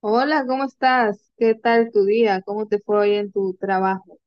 Hola, ¿cómo estás? ¿Qué tal tu día? ¿Cómo te fue hoy en tu trabajo?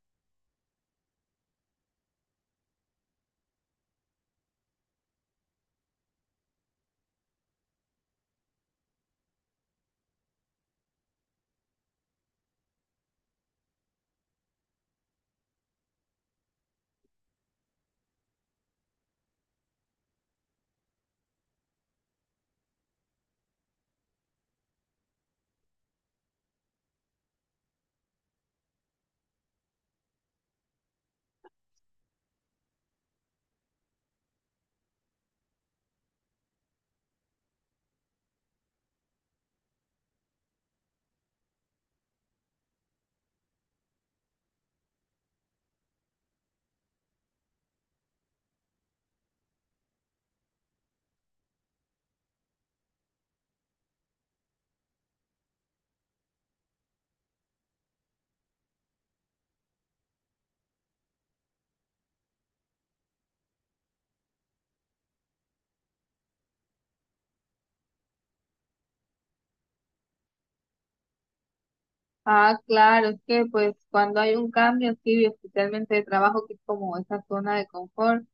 Ah, claro, es que pues cuando hay un cambio así, especialmente de trabajo, que es como esa zona de confort,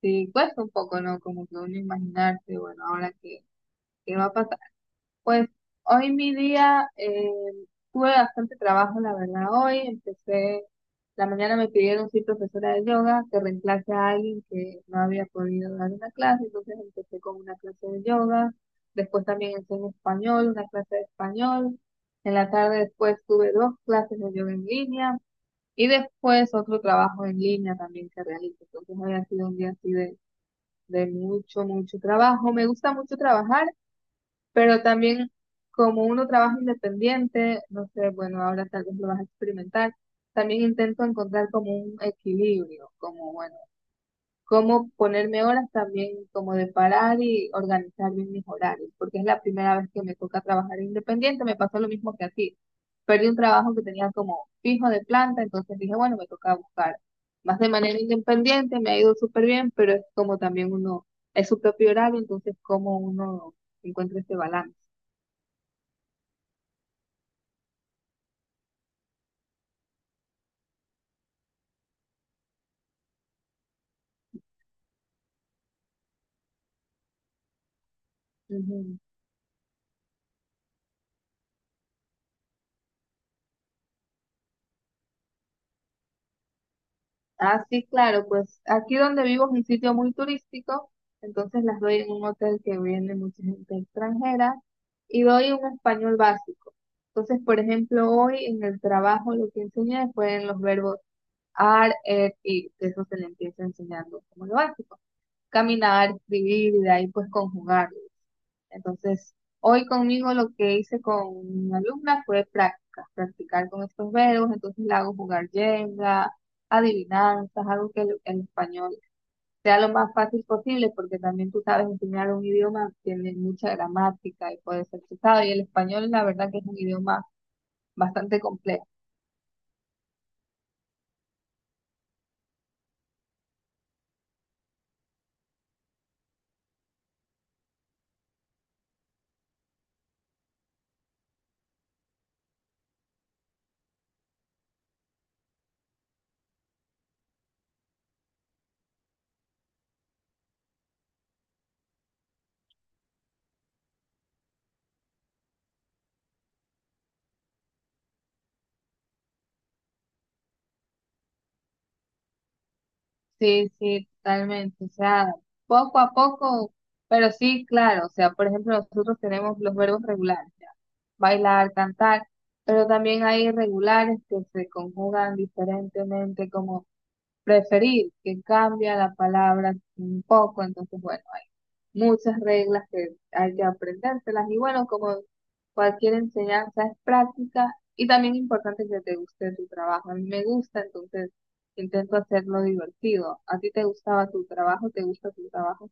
sí cuesta un poco, ¿no? Como que uno imaginarse, bueno, ahora qué, qué va a pasar. Pues hoy mi día tuve bastante trabajo, la verdad. Hoy empecé, la mañana me pidieron ser profesora de yoga que reemplace a alguien que no había podido dar una clase, entonces empecé con una clase de yoga. Después también enseñé español, una clase de español. En la tarde después tuve dos clases de yoga en línea y después otro trabajo en línea también que realicé. Entonces hoy ha sido un día así de mucho, mucho trabajo. Me gusta mucho trabajar. Pero también, como uno trabaja independiente, no sé, bueno, ahora tal vez lo vas a experimentar, también intento encontrar como un equilibrio, como, bueno, cómo ponerme horas también, como de parar y organizar bien mis horarios, porque es la primera vez que me toca trabajar independiente, me pasó lo mismo que a ti. Perdí un trabajo que tenía como fijo de planta, entonces dije, bueno, me toca buscar más de manera independiente, me ha ido súper bien, pero es como también uno, es su propio horario, entonces cómo uno encuentra ese balance. Ujú. Ah, sí, claro, pues aquí donde vivo es un sitio muy turístico, entonces las doy en un hotel que viene mucha gente extranjera y doy un español básico. Entonces, por ejemplo, hoy en el trabajo lo que enseñé fue en los verbos are, er, ir, que eso se le empieza enseñando como lo básico. Caminar, escribir y de ahí pues conjugarlo. Entonces, hoy conmigo lo que hice con mi alumna fue prácticas, practicar con estos verbos, entonces le hago jugar Jenga, adivinanzas, algo que el español sea lo más fácil posible, porque también tú sabes enseñar un idioma, tiene mucha gramática y puede ser pesado, y el español la verdad que es un idioma bastante complejo. Sí, sí, totalmente. O sea, poco a poco, pero sí, claro. O sea, por ejemplo, nosotros tenemos los verbos regulares, ya, bailar, cantar, pero también hay irregulares que se conjugan diferentemente, como preferir, que cambia la palabra un poco, entonces bueno, hay muchas reglas que hay que aprendérselas y bueno, como cualquier enseñanza es práctica y también importante que te guste tu trabajo. A mí me gusta, entonces intento hacerlo divertido. ¿A ti te gustaba tu trabajo? ¿Te gusta tu trabajo?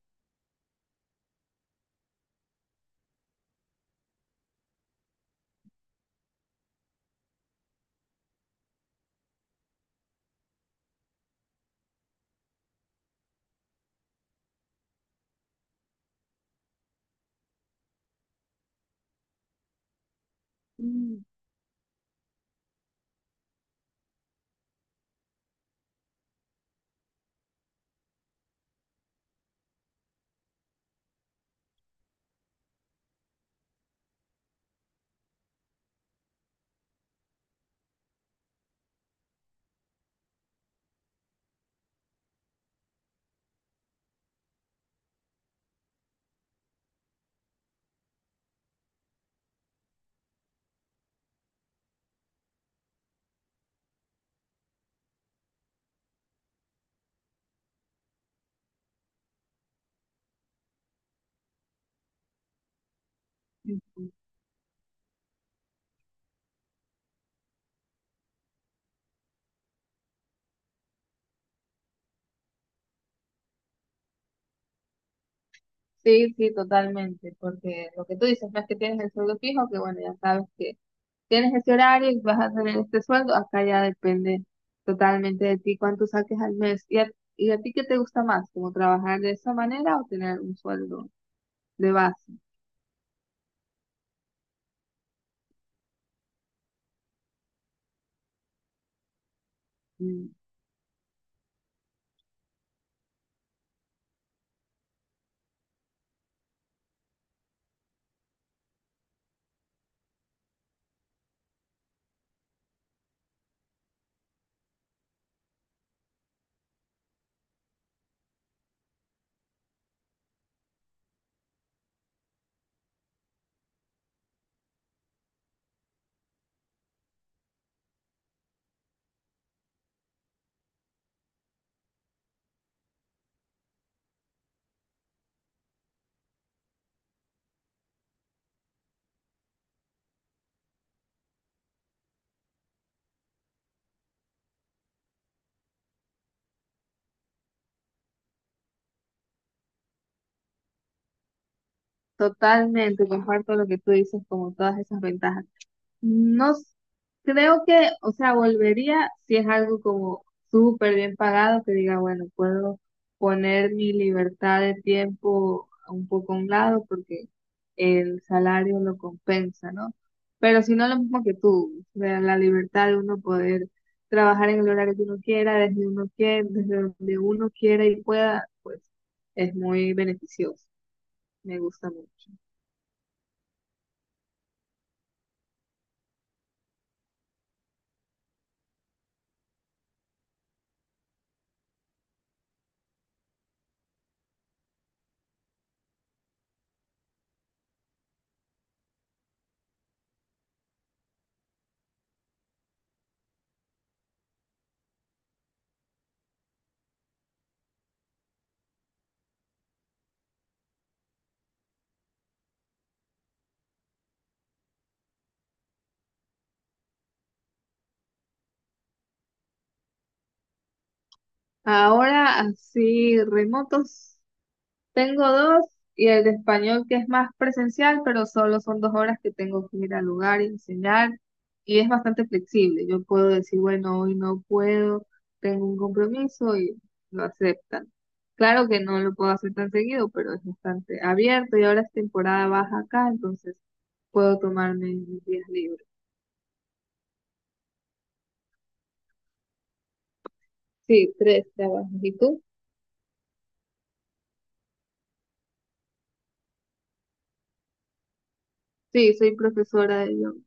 Mm, ujú. Sí, sí, totalmente, porque lo que tú dices no es que tienes el sueldo fijo, que bueno, ya sabes que tienes ese horario y vas a tener este sueldo, acá ya depende totalmente de ti cuánto saques al mes. ¿Y a ti qué te gusta más? ¿Como trabajar de esa manera o tener un sueldo de base? Mm. Totalmente, comparto lo que tú dices, como todas esas ventajas. No s- Creo que, o sea, volvería si es algo como súper bien pagado, que diga, bueno, puedo poner mi libertad de tiempo un poco a un lado porque el salario lo compensa, ¿no? Pero si no, lo mismo que tú, o sea, la libertad de uno poder trabajar en el horario que uno quiera, desde donde uno quiera y pueda, pues es muy beneficioso, me gusta mucho. Ahora, así, remotos. Tengo dos y el de español que es más presencial, pero solo son 2 horas que tengo que ir al lugar y enseñar y es bastante flexible. Yo puedo decir, bueno, hoy no puedo, tengo un compromiso y lo aceptan. Claro que no lo puedo hacer tan seguido, pero es bastante abierto y ahora es temporada baja acá, entonces puedo tomarme mis días libres. Sí, tres trabajos. ¿Y tú? Sí, soy profesora de yoga.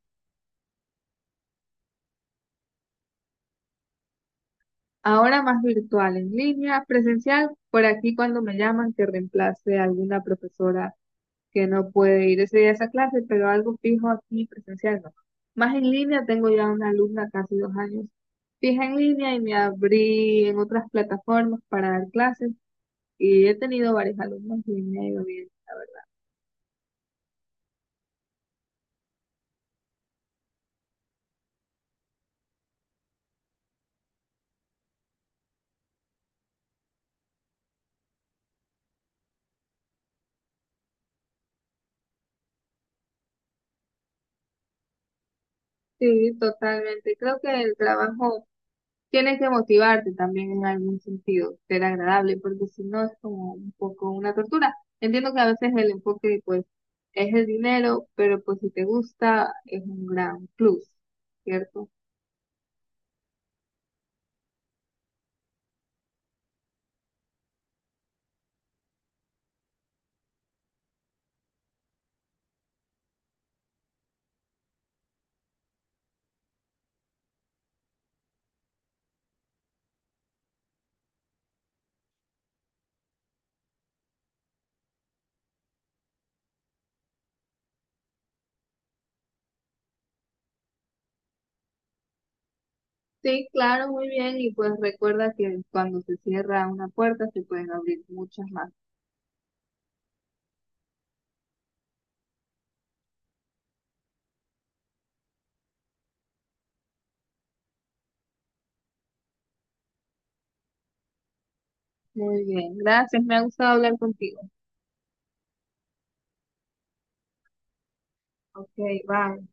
Ahora más virtual, en línea, presencial, por aquí cuando me llaman que reemplace a alguna profesora que no puede ir ese día a esa clase, pero algo fijo aquí presencial no. Más en línea, tengo ya una alumna casi 2 años fija en línea y me abrí en otras plataformas para dar clases y he tenido varios alumnos y me ha ido bien, la verdad. Sí, totalmente. Creo que el trabajo tienes que motivarte también en algún sentido, ser agradable, porque si no es como un poco una tortura. Entiendo que a veces el enfoque pues es el dinero, pero pues si te gusta es un gran plus, ¿cierto? Sí, claro, muy bien, y pues recuerda que cuando se cierra una puerta se pueden abrir muchas más. Muy bien, gracias, me ha gustado hablar contigo. Ok, bye.